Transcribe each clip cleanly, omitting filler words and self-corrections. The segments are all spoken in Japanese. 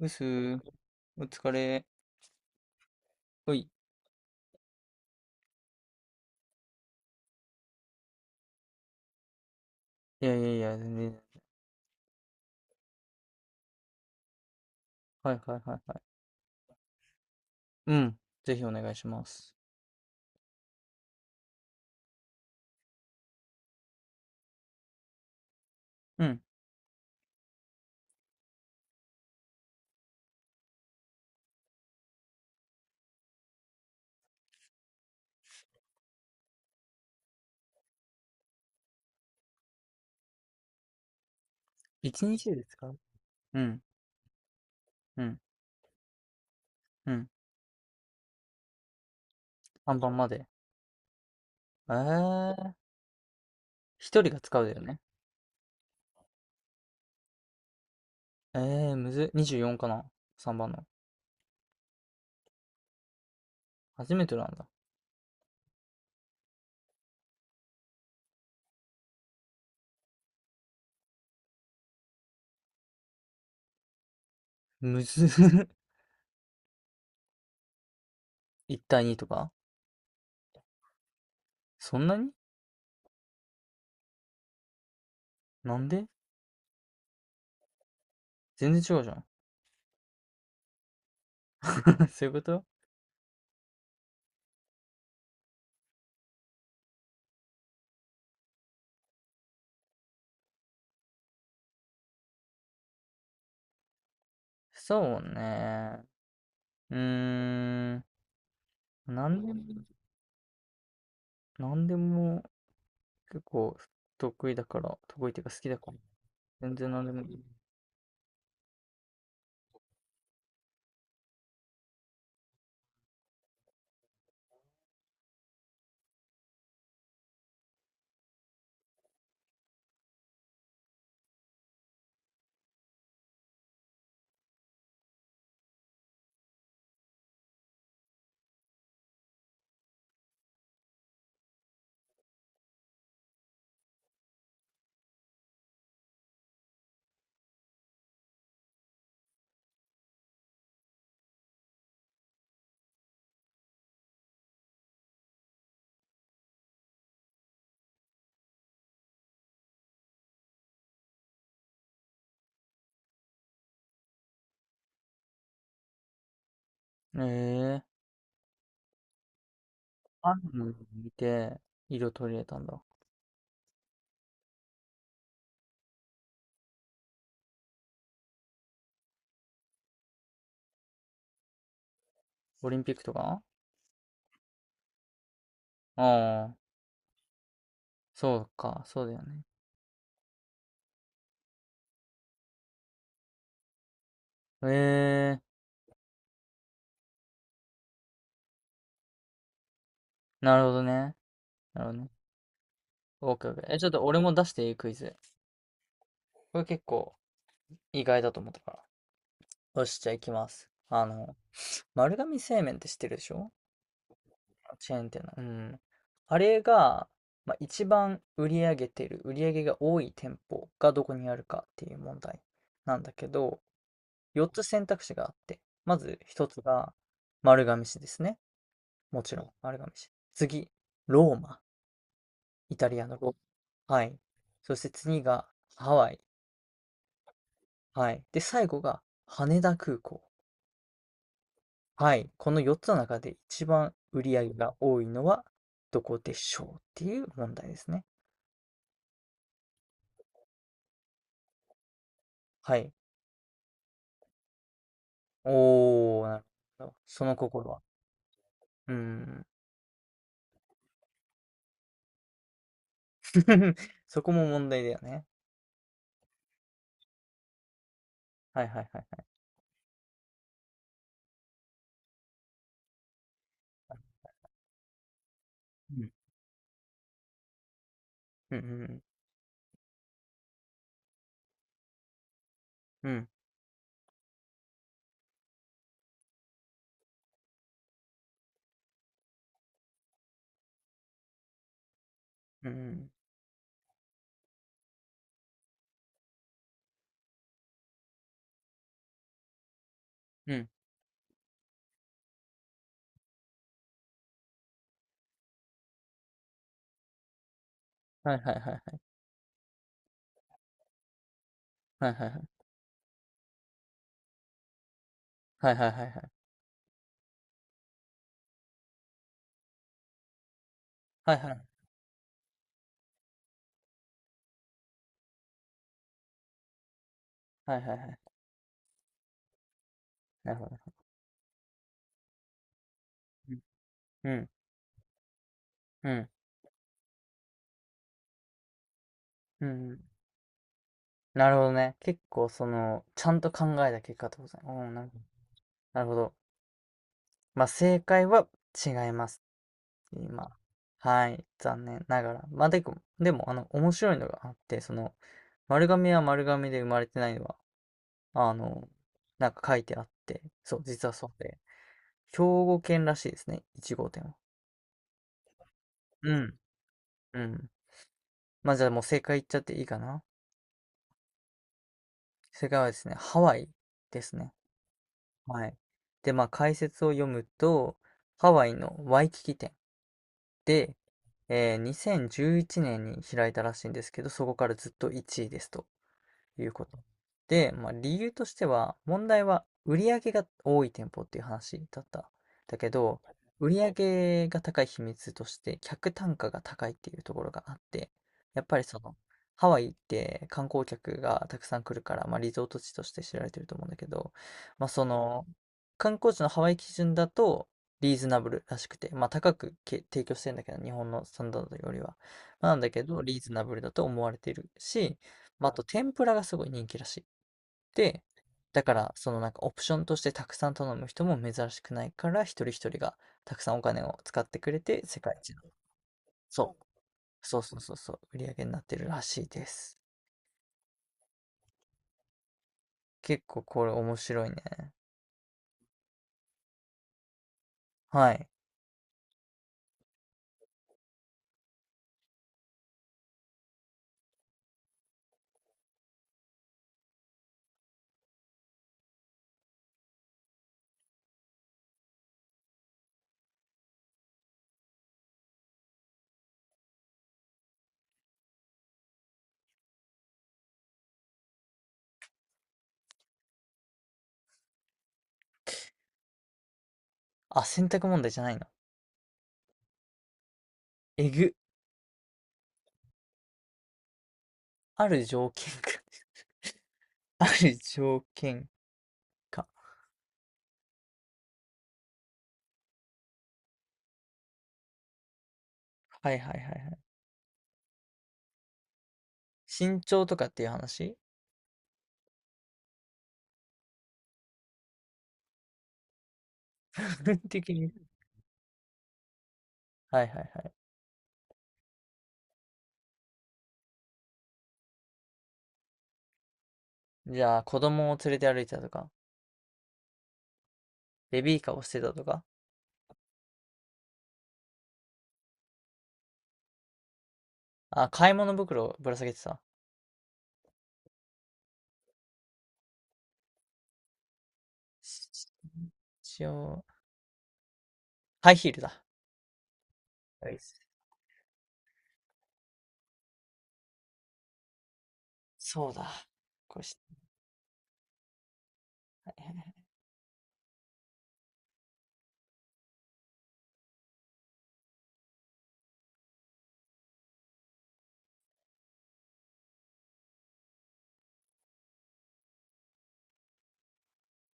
うすー、お疲れ。おい。いやいやいや、全然。はいはいはいはい。うん。ぜひお願いします。うん。一日で使う。うん。うん。うん。さんば番まで。えー。一人が使うだよね。えむずっ。24かな？ 3 番の。初めてなんだ。むずっ。1対2とか。そんなに。なんで。全然違うじゃん。そういうこと。そうね。うーん。なんでも、なんでも結構得意だから、得意っていうか好きだから。全然何でもいい。ええー、あるの見て、色取り入れたんだ。オリンピックとか。ああ、そうか、そうだよね。ええー。なるほどね。なるほどね。オッケーオッケー。え、ちょっと俺も出していいクイズ。これ結構意外だと思ったから。よし、じゃあ行きます。丸亀製麺って知ってるでしょ？チェーン店の。うん。あれが、まあ、一番売り上げてる、売り上げが多い店舗がどこにあるかっていう問題なんだけど、4つ選択肢があって、まず1つが丸亀市ですね。もちろん丸亀市。次、ローマ。イタリアのローマ。はい。そして次がハワイ。はい。で、最後が羽田空港。はい。この4つの中で一番売り上げが多いのはどこでしょうっていう問題ですね。はい。おー、なるほど。その心は。うーん。そこも問題だよね。はいはいはいはい。うん。うんうんうん。うん。うんうん。うん。はいはいはいはい。はいはいはいはい。はいはいはい。はいはいはい。なるほど。うん。うん。うん。うん。なるほどね。結構その、ちゃんと考えた結果ってことですね。うん、なるほど。なるほど。まあ正解は違います。今。はい。残念ながら。まあでも、でも、面白いのがあって、その、丸亀は丸亀で生まれてないのは、あの、なんか書いてあって、そう、実はそうで、兵庫県らしいですね。一号店は。うん。うん。まあ、じゃあもう正解言っちゃっていいかな。正解はですね、ハワイですね。はい。で、まあ解説を読むと、ハワイのワイキキ店で、2011年に開いたらしいんですけど、そこからずっと1位ですと。いうこと。で、まあ、理由としては、問題は売上が多い店舗っていう話だった。だけど、売り上が高い秘密として、客単価が高いっていうところがあって、やっぱりその、ハワイって観光客がたくさん来るから、まあ、リゾート地として知られてると思うんだけど、まあ、その、観光地のハワイ基準だと、リーズナブルらしくて、まあ、高く提供してんだけど、日本のスタンダードよりは。まあなんだけど、リーズナブルだと思われているし、まあ、あと天ぷらがすごい人気らしい。で、だからそのなんかオプションとしてたくさん頼む人も珍しくないから一人一人がたくさんお金を使ってくれて世界一の、そう、そう、売り上げになってるらしいです。結構これ面白いね。はい。あ、選択問題じゃないの。えぐ。ある条件か。 ある条件か。はいはいはいはい。身長とかっていう話。 部分的に。はいはいはい。じゃあ、子供を連れて歩いたとか、ベビーカーをしてたとか、あ、買い物袋をぶら下げてた。一応、ハイヒールだ。はい。そうだ。これ知らない。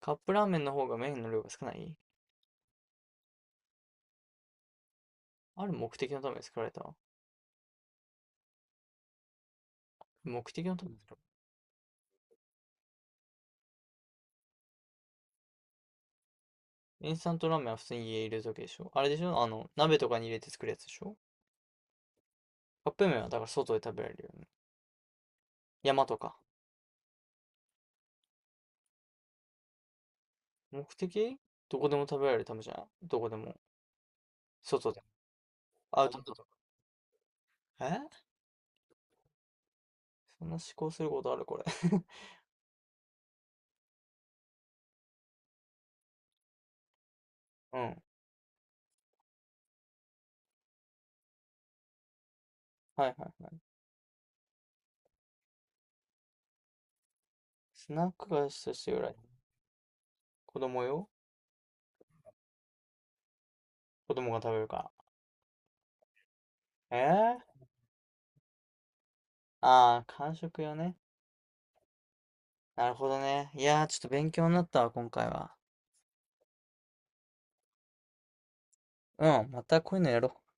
カップラーメンの方が麺の量が少ない。ある目的のために作られた。目的のために作られた。インスタントラーメンは普通に家に入れるだけでしょ。あれでしょあの、鍋とかに入れて作るやつでしょ？カップ麺はだから外で食べられるよね。山とか。目的。どこでも食べられるためじゃん。どこでも。外でも。アウトドア。え、そんな思考することあるこれ。うん。はいはいはい。スナック菓子として売られ。子供よ。子供が食べるから。えー、ああ、間食よね。なるほどね。いやー、ちょっと勉強になったわ、今回は。うん、またこういうのやろう。